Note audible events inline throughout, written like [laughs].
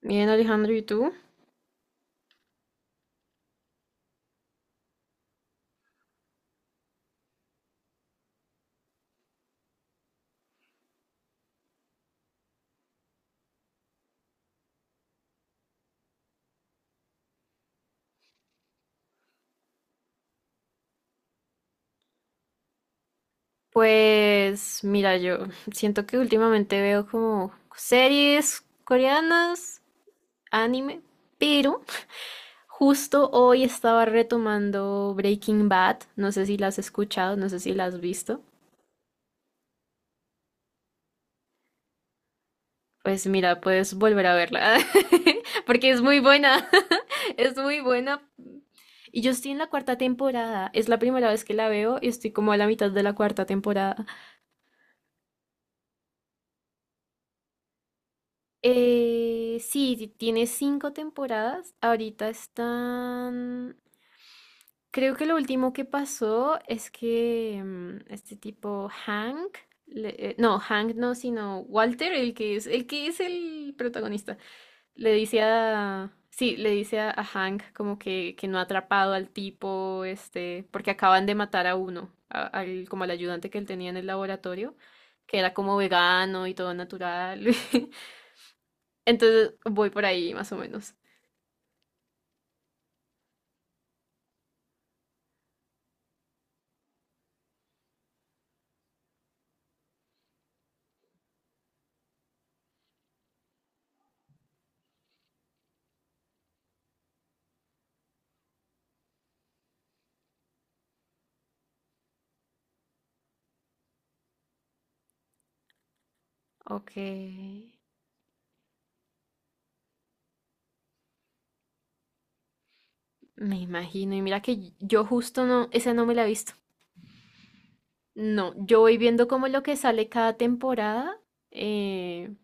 Bien, Alejandro, ¿y tú? Pues mira, yo siento que últimamente veo como series coreanas, anime, pero justo hoy estaba retomando Breaking Bad. No sé si la has escuchado, no sé si la has visto. Pues mira, puedes volver a verla, [laughs] porque es muy buena, [laughs] es muy buena. Y yo estoy en la cuarta temporada, es la primera vez que la veo y estoy como a la mitad de la cuarta temporada. Sí, sí, tiene cinco temporadas. Ahorita están... Creo que lo último que pasó es que este tipo Hank, no, Hank no, sino Walter, el que es el protagonista, le dice a... Sí, le dice a Hank como que no ha atrapado al tipo, este, porque acaban de matar a uno, al, como al ayudante que él tenía en el laboratorio, que era como vegano y todo natural. [laughs] Entonces voy por ahí más o menos. Ok. Me imagino. Y mira que yo justo no, esa no me la he visto. No, yo voy viendo como lo que sale cada temporada. eh,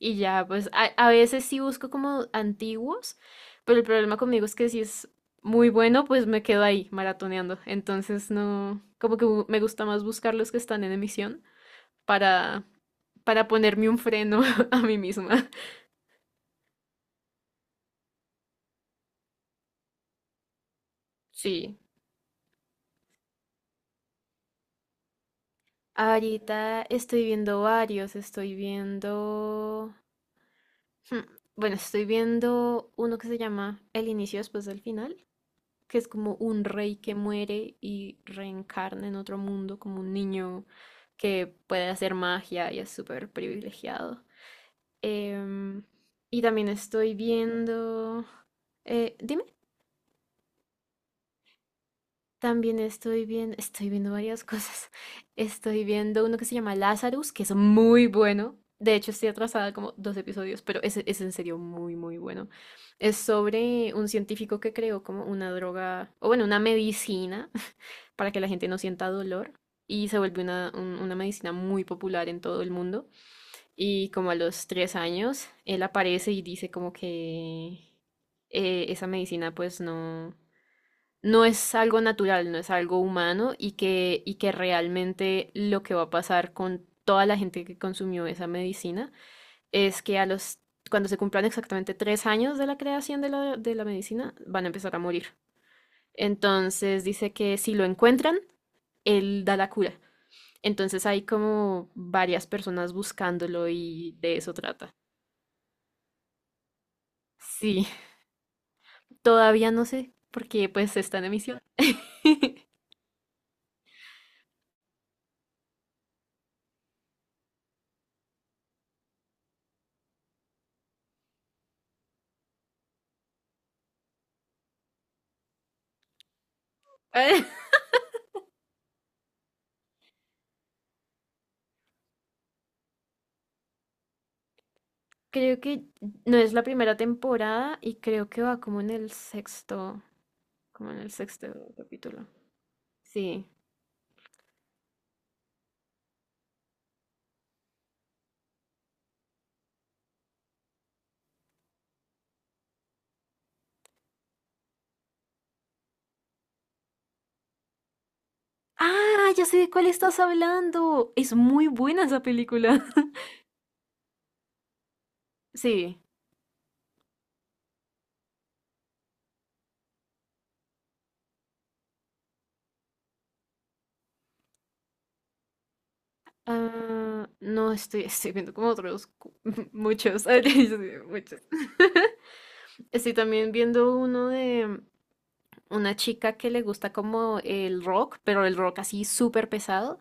y ya, pues a veces sí busco como antiguos, pero el problema conmigo es que si es muy bueno, pues me quedo ahí maratoneando. Entonces no, como que me gusta más buscar los que están en emisión para, para ponerme un freno [laughs] a mí misma. Sí. Ahorita estoy viendo varios, estoy viendo... hmm, bueno, estoy viendo uno que se llama El inicio después del final, que es como un rey que muere y reencarna en otro mundo, como un niño que puede hacer magia y es súper privilegiado. Em, y también estoy viendo... dime. También estoy viendo varias [laughs] cosas. Estoy viendo uno que se llama Lazarus, que es muy bueno. De hecho, estoy atrasada como dos episodios, pero es en serio muy, muy bueno. Es sobre un científico que creó como una droga, o bueno, una medicina [laughs] para que la gente no sienta dolor. Y se vuelve una, una medicina muy popular en todo el mundo. Y como a los tres años, él aparece y dice como que esa medicina pues no no es algo natural, no es algo humano y que realmente lo que va a pasar con toda la gente que consumió esa medicina es que a los, cuando se cumplan exactamente tres años de la creación de la medicina, van a empezar a morir. Entonces dice que si lo encuentran, él da la cura. Entonces hay como varias personas buscándolo y de eso trata. Sí, todavía no sé porque pues está en emisión. [laughs] Creo que no es la primera temporada y creo que va como en el sexto, como en el sexto capítulo. Sí. Ah, ya sé de cuál estás hablando. Es muy buena esa película. [laughs] Sí. Ah, no estoy, [laughs] estoy viendo como otros [laughs] muchos. [laughs] Ay, yo sí, muchos. [laughs] Estoy también viendo uno de una chica que le gusta como el rock, pero el rock así súper pesado.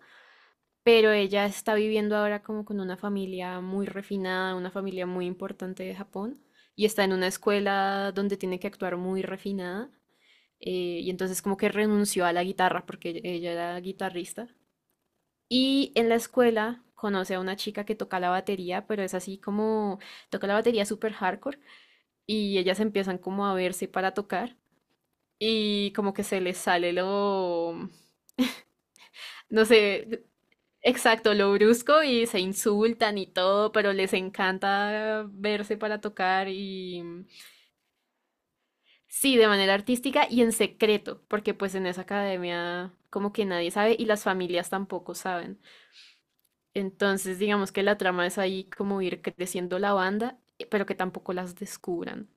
Pero ella está viviendo ahora como con una familia muy refinada, una familia muy importante de Japón, y está en una escuela donde tiene que actuar muy refinada, y entonces como que renunció a la guitarra porque ella era guitarrista, y en la escuela conoce a una chica que toca la batería, pero es así como toca la batería súper hardcore, y ellas empiezan como a verse para tocar. Y como que se les sale lo, no sé, exacto, lo brusco y se insultan y todo, pero les encanta verse para tocar y sí, de manera artística y en secreto, porque pues en esa academia como que nadie sabe y las familias tampoco saben. Entonces digamos que la trama es ahí como ir creciendo la banda, pero que tampoco las descubran.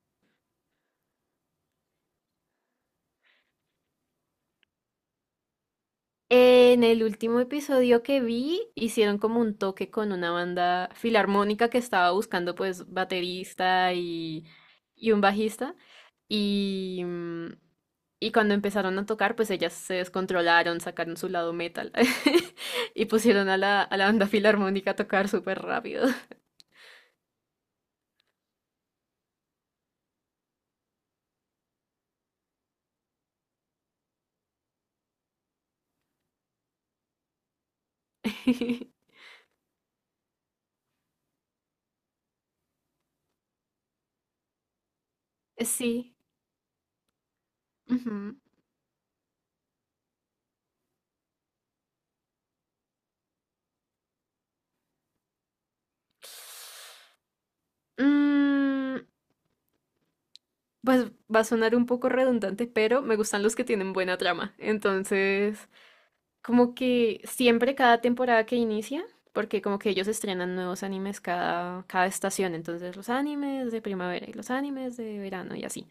En el último episodio que vi, hicieron como un toque con una banda filarmónica que estaba buscando pues baterista y un bajista. Y, mm, y cuando empezaron a tocar, pues ellas se descontrolaron, sacaron su lado metal [laughs] y pusieron a la banda filarmónica a tocar súper rápido. [laughs] Sí. Ujú. Mm, pues va a sonar un poco redundante, pero me gustan los que tienen buena trama. Entonces... Como que siempre cada temporada que inicia, porque como que ellos estrenan nuevos animes cada, cada estación, entonces los animes de primavera y los animes de verano y así.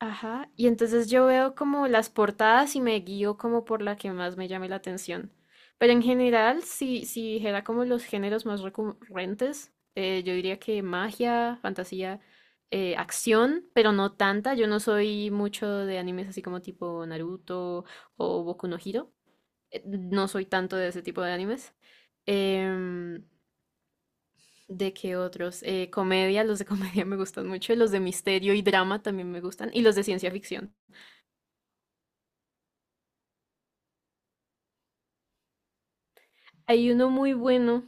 Ajá, y entonces yo veo como las portadas y me guío como por la que más me llame la atención. Pero en general, si, si dijera como los géneros más recurrentes, yo diría que magia, fantasía, acción, pero no tanta. Yo no soy mucho de animes así como tipo Naruto o Boku no Hero. No soy tanto de ese tipo de animes. Em, ¿De qué otros? Comedia, los de comedia [laughs] me gustan mucho. Los de misterio y drama también me gustan. Y los de ciencia ficción. Hay uno muy bueno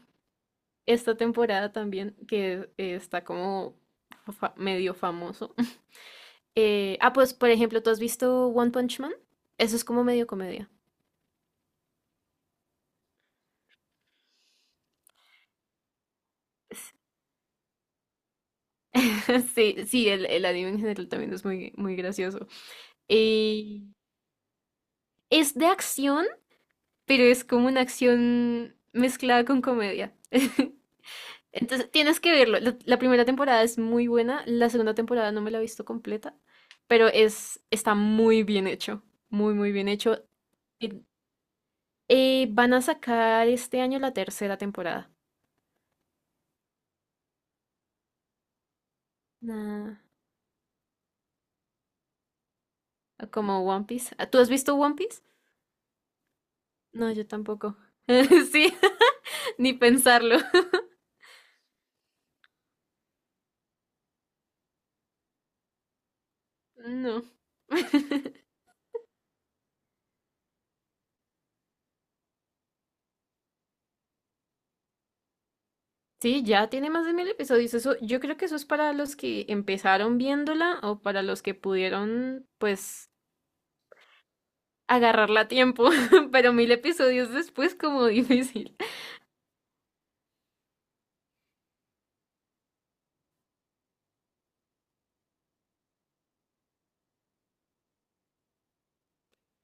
esta temporada también que está como medio famoso. [laughs] Pues por ejemplo, ¿tú has visto One Punch Man? Eso es como medio comedia. [laughs] Sí, sí, el anime en general también es muy, muy gracioso. Y es de acción, pero es como una acción mezclada con comedia. [laughs] Entonces tienes que verlo. La primera temporada es muy buena, la segunda temporada no me la he visto completa, pero es, está muy bien hecho, muy, muy bien hecho. Eh, van a sacar este año la tercera temporada. Nah, como One Piece. Ah, ¿tú has visto One Piece? No, yo tampoco. [laughs] Sí, [laughs] ni pensarlo. [laughs] No. [laughs] Sí, ya tiene más de mil episodios. Eso, yo creo que eso es para los que empezaron viéndola o para los que pudieron, pues, agarrarla a tiempo. [laughs] Pero mil episodios después, como [laughs] difícil.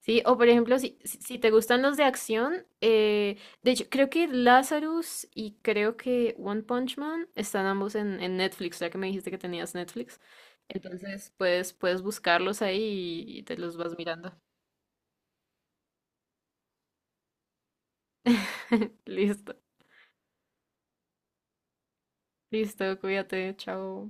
Sí, o por ejemplo, si, si si te gustan los de acción, de hecho, creo que Lazarus y creo que One Punch Man están ambos en Netflix, ya que me dijiste que tenías Netflix. Entonces, pues, puedes buscarlos ahí y te los vas mirando. [laughs] Listo, listo, cuídate, chao.